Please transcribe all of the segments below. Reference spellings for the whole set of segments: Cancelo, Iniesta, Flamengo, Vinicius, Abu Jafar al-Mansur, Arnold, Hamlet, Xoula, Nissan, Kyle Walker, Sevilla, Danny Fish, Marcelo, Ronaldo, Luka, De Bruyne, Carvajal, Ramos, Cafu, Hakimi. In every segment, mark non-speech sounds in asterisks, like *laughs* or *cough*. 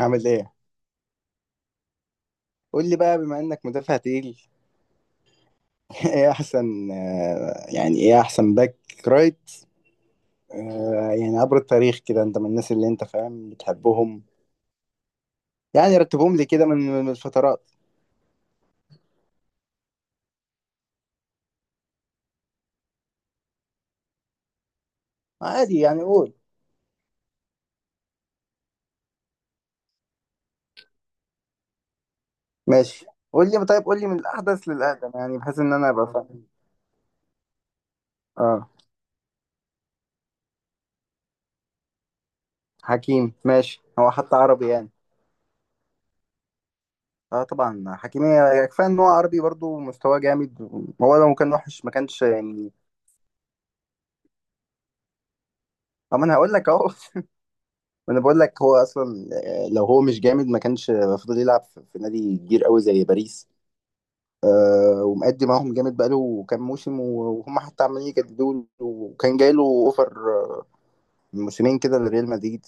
عامل ايه؟ قول لي بقى بما انك مدافع تقيل *laughs* ايه احسن، يعني ايه احسن باك رايت. يعني عبر التاريخ كده انت من الناس اللي انت فاهم بتحبهم. يعني رتبهم لي كده من الفترات. عادي يعني قول. ماشي، قول لي طيب قول لي من الاحدث للاقدم يعني بحيث ان انا ابقى فاهم. اه حكيم، ماشي هو حتى عربي يعني. اه طبعا حكيم كفايه ان هو عربي برضو مستواه جامد. هو لو كان وحش ما كانش يعني. طب ما انا هقول لك اهو *laughs* ما انا بقول لك هو اصلا لو هو مش جامد ما كانش المفروض يلعب في نادي كبير قوي زي باريس. ومأدي معاهم جامد بقاله كام موسم وهم حتى عمالين يجددوا له، وكان جاي له اوفر آه، من موسمين كده لريال مدريد.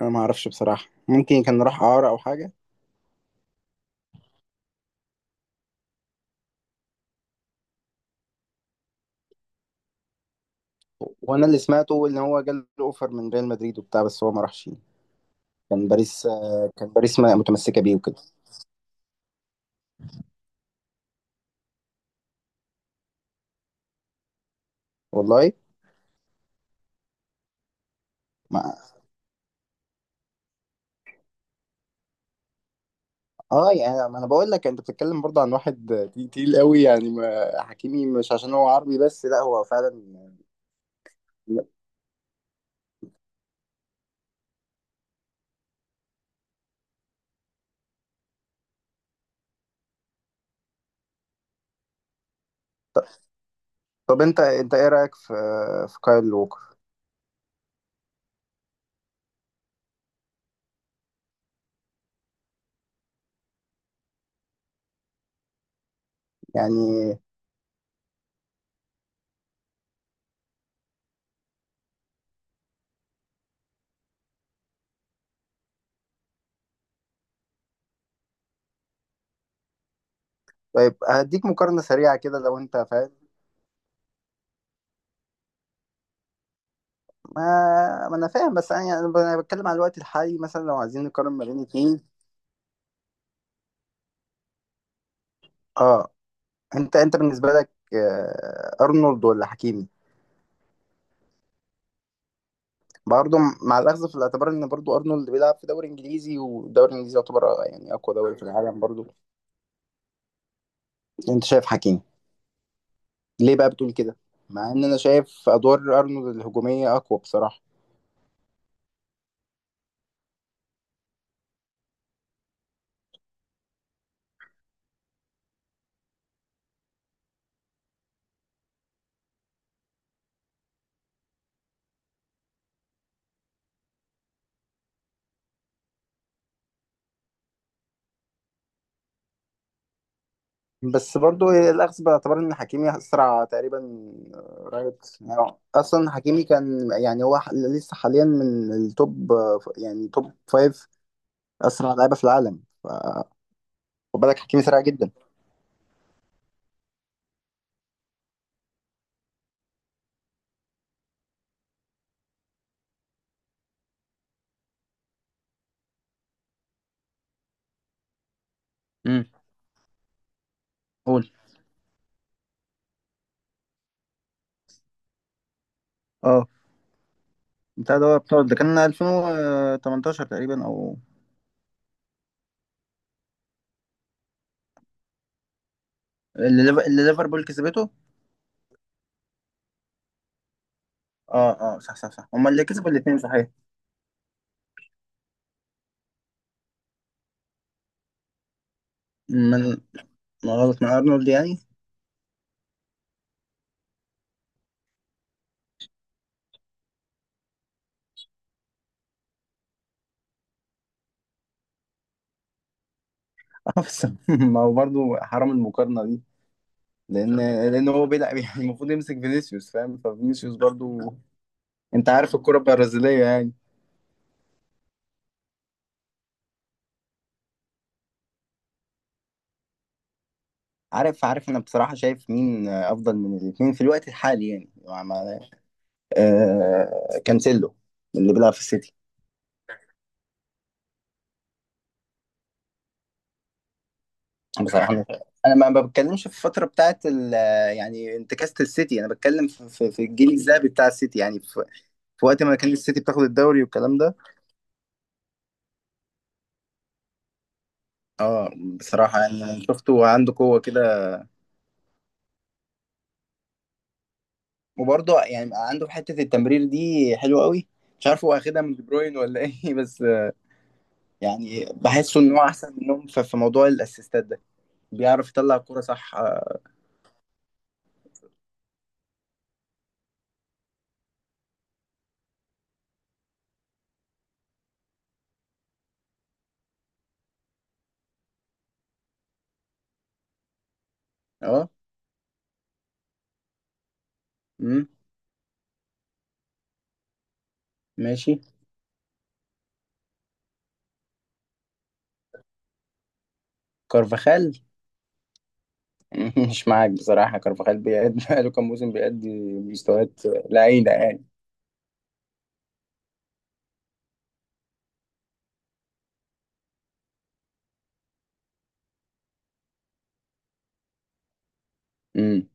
انا ما اعرفش بصراحه، ممكن كان راح اعاره او حاجه. وانا اللي سمعته ان هو جاله اوفر من ريال مدريد وبتاع بس هو ما راحش. كان باريس متمسكه بيه وكده. والله. اه يعني ما انا بقول لك انت بتتكلم برضه عن واحد تقيل قوي يعني، ما حكيمي مش عشان هو عربي بس، لا هو فعلا. طب انت ايه رايك في كايل ووكر؟ يعني طيب هديك مقارنه سريعه كده لو انت فاهم. ما, ما انا فاهم بس انا يعني انا بتكلم على الوقت الحالي، مثلا لو عايزين نقارن ما بين اتنين. اه، انت بالنسبه لك ارنولد ولا حكيمي؟ برضه مع الاخذ في الاعتبار ان برضه ارنولد بيلعب في دوري انجليزي، والدوري الانجليزي يعتبر يعني اقوى دوري في العالم برضه. انت شايف حكيمي. ليه بقى بتقول كده؟ مع ان انا شايف ادوار ارنولد الهجوميه اقوى بصراحه. بس برضو الاخذ باعتبار ان حكيمي اسرع تقريبا. رايت يعني اصلا، حكيمي كان يعني هو لسه حاليا من التوب، يعني توب فايف اسرع لعيبه في العالم. خد بالك حكيمي سريع جدا. امم. قول. اه بتاع ده، هو بتاع ده كان 2018 تقريبا او اللي اللي ليفربول كسبته. اه اه، صح صح صح، هما اللي كسبوا الاثنين صحيح. من، ما غلط من ارنولد يعني. اه بس *laughs* ما هو برضه حرام المقارنة دي. لأن لأن هو بيلعب *laughs* يعني المفروض يمسك فينيسيوس فاهم، ففينيسيوس برضه أنت عارف الكرة البرازيلية يعني. عارف عارف، أنا بصراحة شايف مين أفضل من الاتنين في الوقت الحالي يعني كانسيلو اللي بيلعب في السيتي. بصراحة أنا ما بتكلمش في الفترة بتاعت ال-، يعني انتكاسة السيتي، أنا بتكلم في الجيل الذهبي بتاع السيتي، يعني في, في وقت ما كان السيتي بتاخد الدوري والكلام ده. اه بصراحة يعني شفته عنده قوة كده. وبرضه يعني بقى عنده حتة التمرير دي حلوة قوي. مش عارف هو اخدها من دي بروين ولا ايه *laughs* بس يعني بحسه ان هو احسن منهم في موضوع الاسيستات ده. بيعرف يطلع الكورة صح. اه. آه. مم. ماشي، كارفاخال؟ *laughs* مش معاك بصراحة، كارفاخال بيأدي *laughs* بقاله كام موسم بيأدي مستويات لعينة يعني. مم.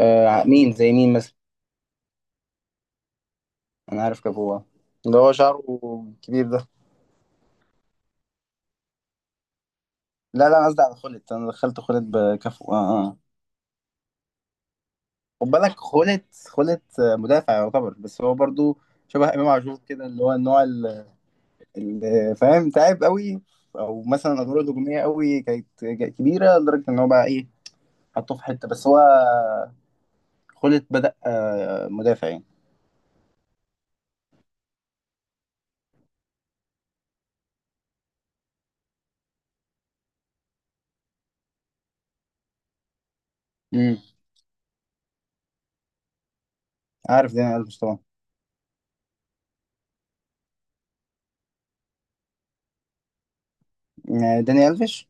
آه، مين زي مين مثلا؟ انا عارف كافو اللي هو شعره كبير ده. لا لا، أنا قصدي على، خلت انا دخلت خلت بكافو آه آه. خد بالك خولة. خولة مدافع يعتبر، بس هو برضو شبه امام عاشور كده، اللي هو النوع اللي فاهم تعب قوي. او مثلا ادواره الهجوميه قوي كانت كبيره لدرجه ان هو بقى، ايه، حطوه في حته، بس هو خولة بدأ مدافع يعني. امم. عارف داني الفيش طبعا. داني الفيش.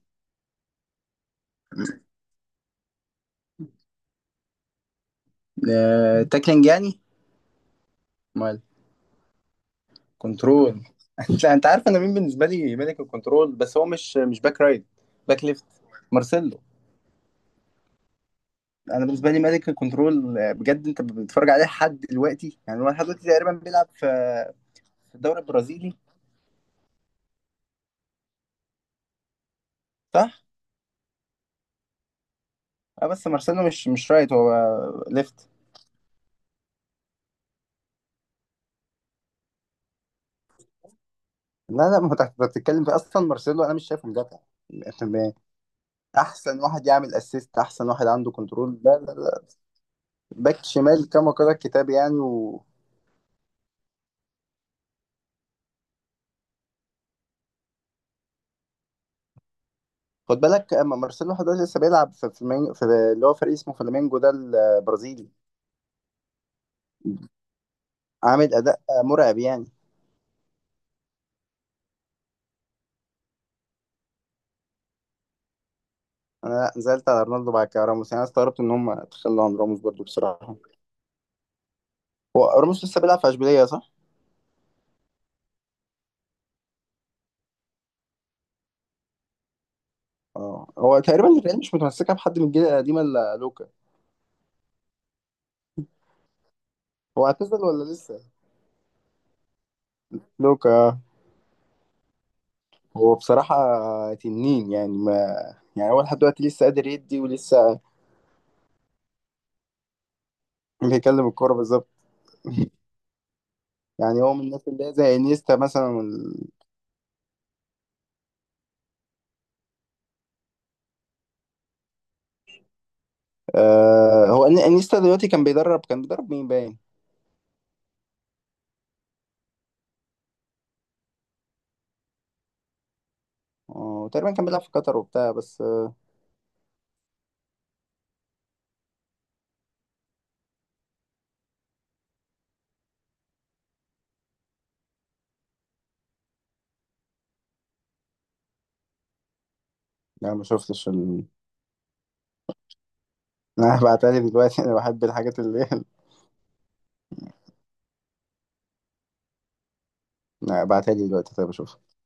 تاكلينج يعني؟ امال؟ كنترول. *laughs* انت عارف انا مين بالنسبه لي ملك الكنترول، بس هو مش باك رايت، باك ليفت، مارسيلو. انا بالنسبه لي ملك الكنترول بجد. انت بتتفرج عليه لحد دلوقتي، يعني هو لحد دلوقتي تقريبا بيلعب في في الدوري البرازيلي صح. اه بس مارسيلو مش رايت، هو ليفت. لا لا، ما هو تحت بتتكلم في اصلا، مارسيلو انا مش شايفه مدافع. تمام. احسن واحد يعمل اسيست، احسن واحد عنده كنترول، لا لا لا، باك شمال كما قال الكتاب يعني و... خد بالك اما مارسيلو لحد دلوقتي لسه بيلعب في اللي هو فريق اسمه فلامينجو ده البرازيلي. عامل اداء مرعب يعني. انا نزلت على رونالدو، بعد كده راموس يعني، أنا استغربت ان هم تخلوا عن راموس برضو بصراحه. هو راموس لسه بيلعب في اشبيليه صح؟ اه هو تقريبا الريال مش متمسكه بحد من الجيل القديم الا لوكا. هو اعتزل ولا لسه؟ لوكا هو بصراحه تنين يعني، ما، يعني هو لحد دلوقتي لسه قادر يدي، ولسه بيكلم الكوره بالظبط. يعني هو من الناس اللي هي زي انيستا مثلا وال... هو انيستا دلوقتي كان بيدرب، مين باين؟ اه تقريبا كان بيلعب في قطر وبتاع بس لا ما شفتش ال... *laughs* انا بعتلي دلوقتي، انا بحب الحاجات اللي *laughs* لا، ابعتها لي دلوقتي طيب اشوفها.